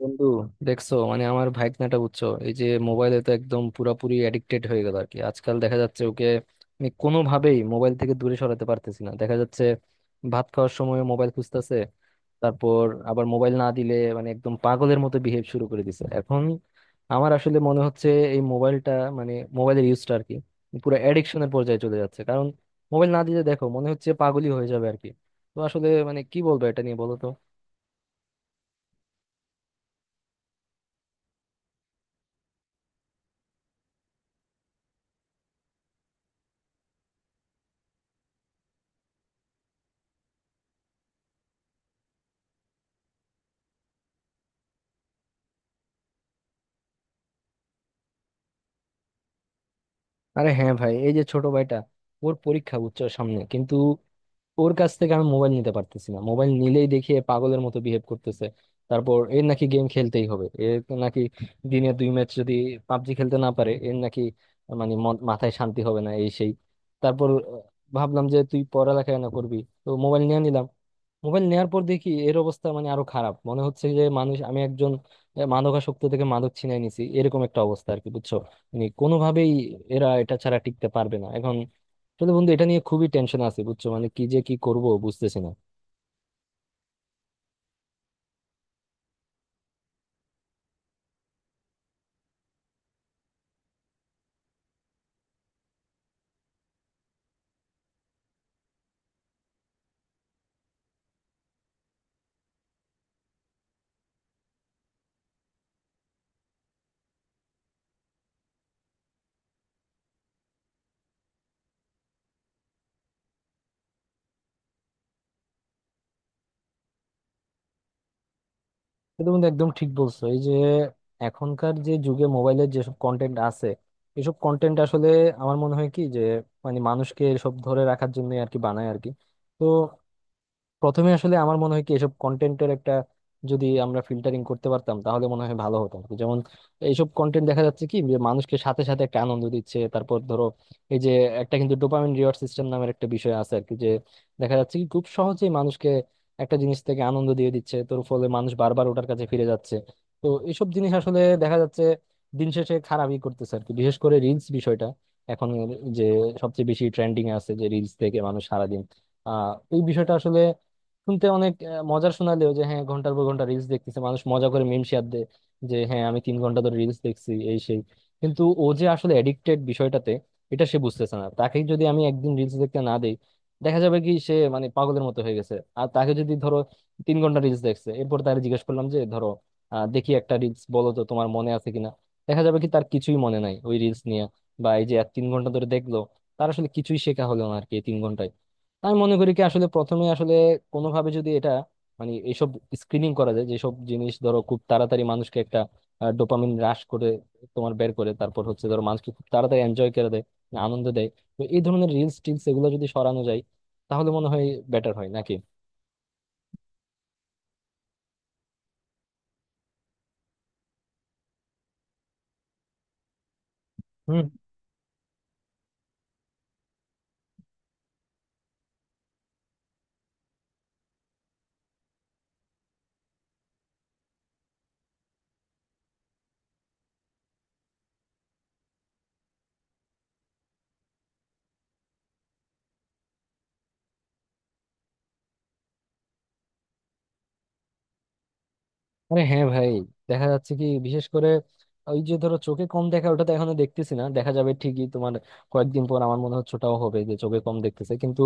বন্ধু, দেখছো মানে আমার ভাইকনাটা বুঝছো, এই যে মোবাইলে তো একদম পুরাপুরি অ্যাডিক্টেড হয়ে গেল আর কি আজকাল, দেখা যাচ্ছে ওকে আমি কোনোভাবেই মোবাইল থেকে দূরে সরাতে পারতেছি না। দেখা যাচ্ছে ভাত খাওয়ার সময় মোবাইল খুঁজতেছে। তারপর আবার মোবাইল না দিলে মানে একদম পাগলের মতো বিহেভ শুরু করে দিছে এখন। আমার আসলে মনে হচ্ছে এই মোবাইলটা মানে মোবাইলের ইউজটা আর কি পুরো অ্যাডিকশনের পর্যায়ে চলে যাচ্ছে, কারণ মোবাইল না দিলে দেখো মনে হচ্ছে পাগলই হয়ে যাবে আর কি। তো আসলে মানে কি বলবো এটা নিয়ে, বলো তো। আরে হ্যাঁ ভাই, এই যে ছোট ভাইটা, ওর পরীক্ষা বুঝছো সামনে, কিন্তু ওর কাছ থেকে আমি মোবাইল নিতে পারতেছি না, মোবাইল নিলেই দেখি এ পাগলের মতো বিহেভ করতেছে। তারপর এর নাকি গেম খেলতেই হবে, এর নাকি দিনে দুই ম্যাচ যদি পাবজি খেলতে না পারে এর নাকি মানে মাথায় শান্তি হবে না এই সেই। তারপর ভাবলাম যে তুই পড়ালেখা না করবি তো মোবাইল নিয়ে নিলাম। মোবাইল নেওয়ার পর দেখি এর অবস্থা মানে আরো খারাপ, মনে হচ্ছে যে মানুষ আমি একজন মাদকাসক্ত থেকে মাদক ছিনাই নিছি, এরকম একটা অবস্থা আর কি, বুঝছো। মানে কোনোভাবেই এরা এটা ছাড়া টিকতে পারবে না এখন। আসলে বন্ধু এটা নিয়ে খুবই টেনশন আছে বুঝছো, মানে কি যে কি করব বুঝতেছি না। কিন্তু বন্ধু একদম ঠিক বলছো, এই যে এখনকার যে যুগে মোবাইলের যেসব কন্টেন্ট আছে এসব কন্টেন্ট আসলে আমার মনে হয় কি যে মানে মানুষকে সব ধরে রাখার জন্য আর কি বানায় আর কি। তো প্রথমে আসলে আমার মনে হয় কি এসব কন্টেন্টের একটা যদি আমরা ফিল্টারিং করতে পারতাম তাহলে মনে হয় ভালো হতো আর কি। যেমন এইসব কন্টেন্ট দেখা যাচ্ছে কি যে মানুষকে সাথে সাথে একটা আনন্দ দিচ্ছে। তারপর ধরো এই যে একটা কিন্তু ডোপামিন রিওয়ার্ড সিস্টেম নামের একটা বিষয় আছে আর কি, যে দেখা যাচ্ছে কি খুব সহজেই মানুষকে একটা জিনিস থেকে আনন্দ দিয়ে দিচ্ছে, তোর ফলে মানুষ বারবার ওটার কাছে ফিরে যাচ্ছে। তো এইসব জিনিস আসলে দেখা যাচ্ছে দিন শেষে খারাপই করতেছে আর কি, বিশেষ করে রিলস বিষয়টা এখন যে সবচেয়ে বেশি ট্রেন্ডিং এ আছে, যে রিলস থেকে মানুষ সারাদিন আহ এই বিষয়টা আসলে শুনতে অনেক মজার শোনালেও, যে হ্যাঁ ঘন্টার পর ঘন্টা রিলস দেখতেছে মানুষ, মজা করে মিম শেয়ার দেয় যে হ্যাঁ আমি 3 ঘন্টা ধরে রিলস দেখছি এই সেই, কিন্তু ও যে আসলে এডিক্টেড বিষয়টাতে এটা সে বুঝতেছে না। তাকে যদি আমি একদিন রিলস দেখতে না দেই দেখা যাবে কি সে মানে পাগলের মতো হয়ে গেছে। আর তাকে যদি ধরো 3 ঘন্টা রিলস দেখছে এরপর তাকে জিজ্ঞেস করলাম যে ধরো দেখি একটা রিলস বলো তো তোমার মনে আছে কিনা, দেখা যাবে কি তার কিছুই মনে নাই ওই রিলস নিয়ে। বা এই যে 3 ঘন্টা ধরে দেখলো, তার আসলে কিছুই শেখা হলো না আর কি এই 3 ঘন্টায়। আমি মনে করি কি আসলে প্রথমে আসলে কোনোভাবে যদি এটা মানে এইসব স্ক্রিনিং করা যায়, যেসব জিনিস ধরো খুব তাড়াতাড়ি মানুষকে একটা ডোপামিন হ্রাস করে তোমার বের করে, তারপর হচ্ছে ধরো মানুষকে খুব তাড়াতাড়ি এনজয় করে দেয় মানে আনন্দ দেয়, তো এই ধরনের রিলস টিলস এগুলো যদি সরানো যায় তাহলে মনে হয় বেটার হয় নাকি। আরে হ্যাঁ ভাই, দেখা যাচ্ছে কি বিশেষ করে ওই যে ধরো চোখে কম দেখা ওটা তো এখনো দেখতেছি না, দেখা যাবে ঠিকই তোমার কয়েকদিন পর, আমার মনে হচ্ছে ওটাও হবে যে চোখে কম দেখতেছে। কিন্তু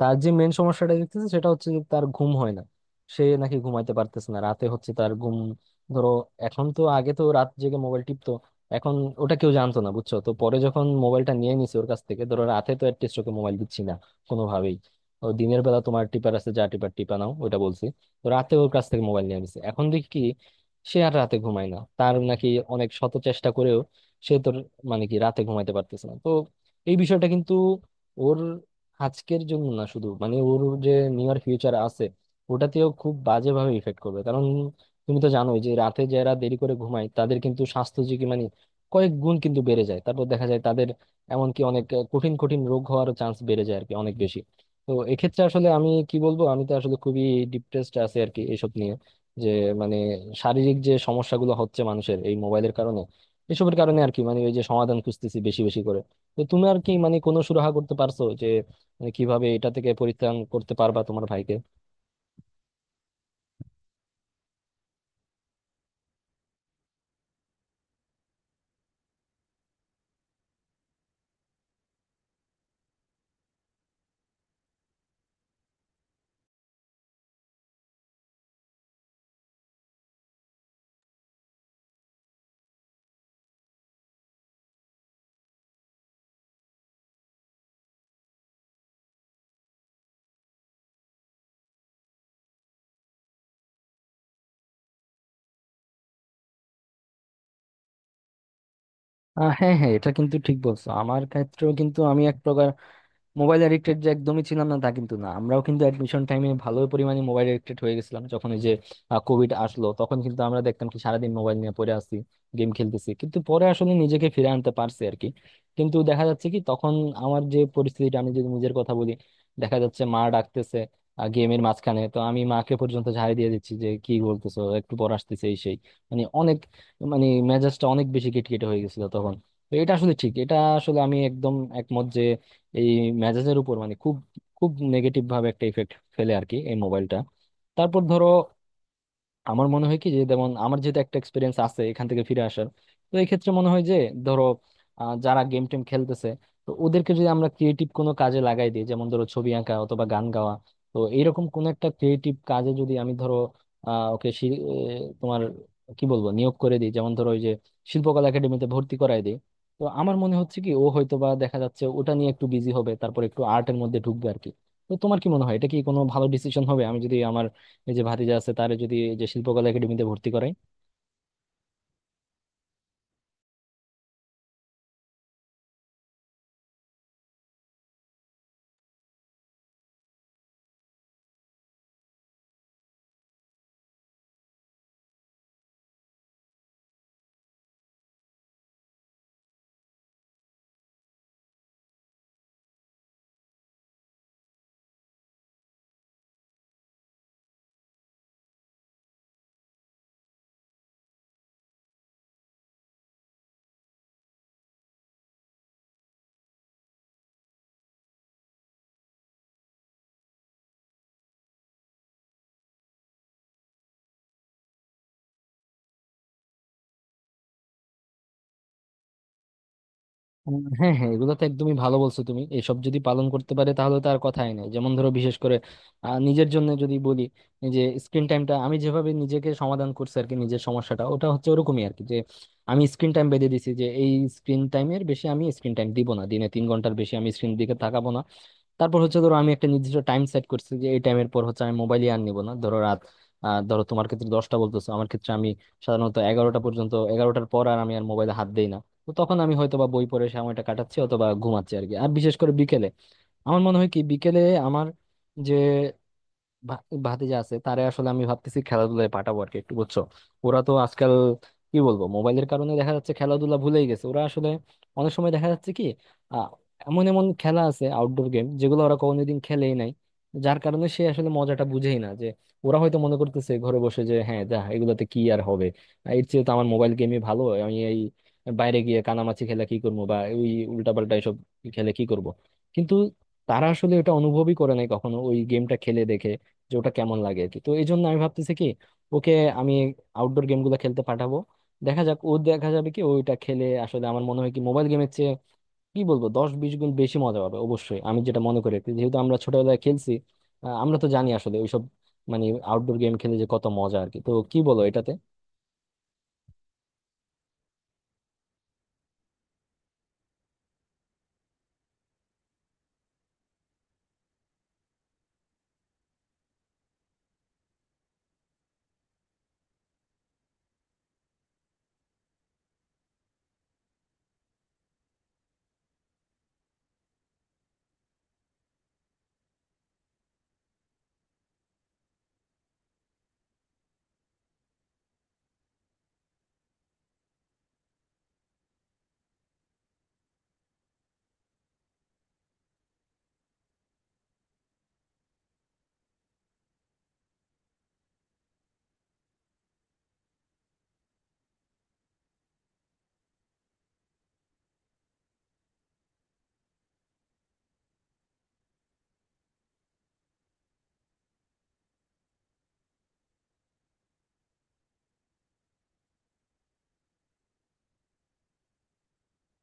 তার যে মেন সমস্যাটা দেখতেছে সেটা হচ্ছে যে তার ঘুম হয় না, সে নাকি ঘুমাইতে পারতেছে না রাতে, হচ্ছে তার ঘুম ধরো এখন তো, আগে তো রাত জেগে মোবাইল টিপতো এখন, ওটা কেউ জানতো না বুঝছো, তো পরে যখন মোবাইলটা নিয়ে নিছে ওর কাছ থেকে ধরো রাতে, তো অ্যাটলিস্ট ওকে মোবাইল দিচ্ছি না কোনোভাবেই, ও দিনের বেলা তোমার টিপার আছে যা টিপার টিপা নাও ওটা বলছি। তো রাতে ওর কাছ থেকে মোবাইল নিয়ে নিছে এখন দেখি কি সে আর রাতে ঘুমায় না, তার নাকি অনেক শত চেষ্টা করেও সে তোর মানে কি রাতে ঘুমাইতে পারতেছে না। তো এই বিষয়টা কিন্তু ওর আজকের জন্য না শুধু, মানে ওর যে নিয়ার ফিউচার আছে ওটাতেও খুব বাজেভাবে ইফেক্ট করবে, কারণ তুমি তো জানোই যে রাতে যারা দেরি করে ঘুমায় তাদের কিন্তু স্বাস্থ্য ঝুঁকি মানে কয়েক গুণ কিন্তু বেড়ে যায়। তারপর দেখা যায় তাদের এমনকি অনেক কঠিন কঠিন রোগ হওয়ার চান্স বেড়ে যায় আর কি অনেক বেশি। তো এক্ষেত্রে আসলে আমি কি বলবো, আমি তো আসলে খুবই ডিপ্রেসড আছি আর কি এইসব নিয়ে, যে মানে শারীরিক যে সমস্যাগুলো হচ্ছে মানুষের এই মোবাইলের কারণে এসবের কারণে আর কি, মানে ওই যে সমাধান খুঁজতেছি বেশি বেশি করে। তো তুমি আর কি মানে কোনো সুরাহা করতে পারছো যে মানে কিভাবে এটা থেকে পরিত্রাণ করতে পারবা তোমার ভাইকে। হ্যাঁ হ্যাঁ এটা কিন্তু ঠিক বলছো, আমার ক্ষেত্রেও কিন্তু আমি মোবাইল এডিক্টেড যে একদমই ছিলাম না তা কিন্তু না, আমরাও কিন্তু অ্যাডমিশন টাইমে ভালো পরিমাণে মোবাইল এডিক্টেড হয়ে গেছিলাম, যখন ওই যে কোভিড আসলো তখন কিন্তু আমরা দেখতাম কি সারাদিন মোবাইল নিয়ে পড়ে আছি গেম খেলতেছি, কিন্তু পরে আসলে নিজেকে ফিরে আনতে পারছি আর কি। কিন্তু দেখা যাচ্ছে কি তখন আমার যে পরিস্থিতিটা, আমি যদি নিজের কথা বলি, দেখা যাচ্ছে মা ডাকতেছে গেমের মাঝখানে, তো আমি মাকে পর্যন্ত ঝাড়ি দিয়ে দিচ্ছি যে কি বলতেছো একটু পর আসতেছে এই সেই। মানে অনেক মানে মেজাজটা অনেক বেশি খিটখিটে হয়ে গেছিল তখন। তো এটা আসলে ঠিক, এটা আসলে আমি একদম একমত যে এই মেজাজের উপর মানে খুব খুব নেগেটিভ ভাবে একটা ইফেক্ট ফেলে আর কি এই মোবাইলটা। তারপর ধরো আমার মনে হয় কি যে, যেমন আমার যেহেতু একটা এক্সপিরিয়েন্স আছে এখান থেকে ফিরে আসার, তো এই ক্ষেত্রে মনে হয় যে ধরো যারা গেম টেম খেলতেছে তো ওদেরকে যদি আমরা ক্রিয়েটিভ কোনো কাজে লাগাই দিই, যেমন ধরো ছবি আঁকা অথবা গান গাওয়া, তো এইরকম কোনো একটা ক্রিয়েটিভ কাজে যদি আমি ধরো ওকে তোমার কি বলবো নিয়োগ করে দিই, যেমন ধরো ওই যে শিল্পকলা একাডেমিতে ভর্তি করায় দিই, তো আমার মনে হচ্ছে কি ও হয়তো বা দেখা যাচ্ছে ওটা নিয়ে একটু বিজি হবে, তারপর একটু আর্টের মধ্যে ঢুকবে আর কি। তো তোমার কি মনে হয় এটা কি কোনো ভালো ডিসিশন হবে, আমি যদি আমার এই যে ভাতিজা আছে তারে যদি এই যে শিল্পকলা একাডেমিতে ভর্তি করাই। হ্যাঁ হ্যাঁ এগুলো তো একদমই ভালো বলছো তুমি, এসব যদি পালন করতে পারে তাহলে তো আর কথাই নাই। যেমন ধরো বিশেষ করে নিজের জন্য যদি বলি এই যে স্ক্রিন টাইমটা, আমি যেভাবে নিজেকে সমাধান করছি আর কি নিজের সমস্যাটা ওটা হচ্ছে ওরকমই আর কি, যে আমি স্ক্রিন টাইম বেঁধে দিছি যে এই স্ক্রিন টাইমের বেশি আমি স্ক্রিন টাইম দিব না, দিনে 3 ঘন্টার বেশি আমি স্ক্রিন দিকে তাকাবো না। তারপর হচ্ছে ধরো আমি একটা নির্দিষ্ট টাইম সেট করছি যে এই টাইমের পর হচ্ছে আমি মোবাইলই আর নিব না, ধরো রাত ধরো তোমার ক্ষেত্রে 10টা বলতেছো, আমার ক্ষেত্রে আমি সাধারণত 11টা পর্যন্ত, 11টার পর আর আমি আর মোবাইলে হাত দেই না। তো তখন আমি হয়তো বা বই পড়ে সময়টা কাটাচ্ছি অথবা ঘুমাচ্ছি আর কি। আর বিশেষ করে বিকেলে আমার মনে হয় কি বিকেলে আমার যে ভা- ভাতিজা আছে তারে আসলে আমি ভাবতেছি খেলাধুলায় পাঠাবো আর কি একটু, বুঝছো। ওরা তো আজকাল কি বলবো মোবাইলের কারণে দেখা যাচ্ছে খেলাধুলা ভুলেই গেছে ওরা আসলে। অনেক সময় দেখা যাচ্ছে কি আহ, এমন এমন খেলা আছে আউটডোর গেম যেগুলো ওরা কোনোদিন খেলেই নাই, যার কারণে সে আসলে মজাটা বুঝেই না। যে ওরা হয়তো মনে করতেছে ঘরে বসে যে হ্যাঁ যা এগুলোতে কি আর হবে, এর চেয়ে তো আমার মোবাইল গেমই ভালো, আমি এই বাইরে গিয়ে কানামাছি খেলে কি করবো বা ওই উল্টাপাল্টা এসব খেলে কি করব। কিন্তু তারা আসলে এটা অনুভবই করে নাই কখনো ওই গেমটা খেলে দেখে যে ওটা কেমন লাগে আর কি। তো এই জন্য আমি ভাবতেছি কি ওকে আমি আউটডোর গেমগুলো খেলতে পাঠাবো, দেখা যাক ও দেখা যাবে কি ওইটা খেলে আসলে। আমার মনে হয় কি মোবাইল গেমের চেয়ে কি বলবো দশ বিশ গুণ বেশি মজা পাবে অবশ্যই, আমি যেটা মনে করি আর কি। যেহেতু আমরা ছোটবেলায় খেলছি, আমরা তো জানি আসলে ওইসব মানে আউটডোর গেম খেলে যে কত মজা আর কি, তো কি বলো এটাতে।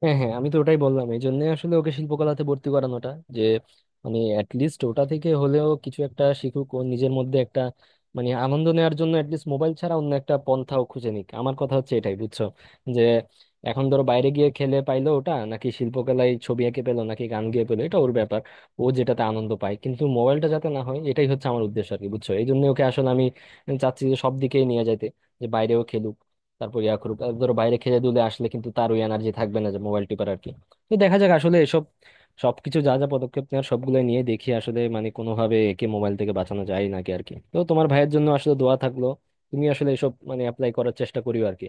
হ্যাঁ হ্যাঁ আমি তো ওটাই বললাম, এই জন্য আসলে ওকে শিল্পকলাতে ভর্তি করানোটা, যে মানে অ্যাটলিস্ট ওটা থেকে হলেও কিছু একটা শিখুক, ও নিজের মধ্যে একটা মানে আনন্দ নেওয়ার জন্য অ্যাটলিস্ট মোবাইল ছাড়া অন্য একটা পন্থাও খুঁজে নিক, আমার কথা হচ্ছে এটাই বুঝছো। যে এখন ধরো বাইরে গিয়ে খেলে পাইলো ওটা, নাকি শিল্পকলায় ছবি এঁকে পেলো নাকি গান গেয়ে পেলো এটা ওর ব্যাপার। ও যেটাতে আনন্দ পায় কিন্তু মোবাইলটা যাতে না হয় এটাই হচ্ছে আমার উদ্দেশ্য আর কি, বুঝছো। এই জন্য ওকে আসলে আমি চাচ্ছি যে সব দিকেই নিয়ে যাইতে, যে বাইরেও খেলুক তারপর ইয়া করুক, আর ধরো বাইরে খেলে দুলে আসলে কিন্তু তার ওই এনার্জি থাকবে না যে মোবাইল টিপার আর কি। তো দেখা যাক আসলে এসব সবকিছু যা যা পদক্ষেপ নেওয়ার সবগুলো নিয়ে দেখি আসলে মানে কোনোভাবে একে মোবাইল থেকে বাঁচানো যায় নাকি আর কি। তো তোমার ভাইয়ের জন্য আসলে দোয়া থাকলো, তুমি আসলে এসব মানে অ্যাপ্লাই করার চেষ্টা করিও আর কি।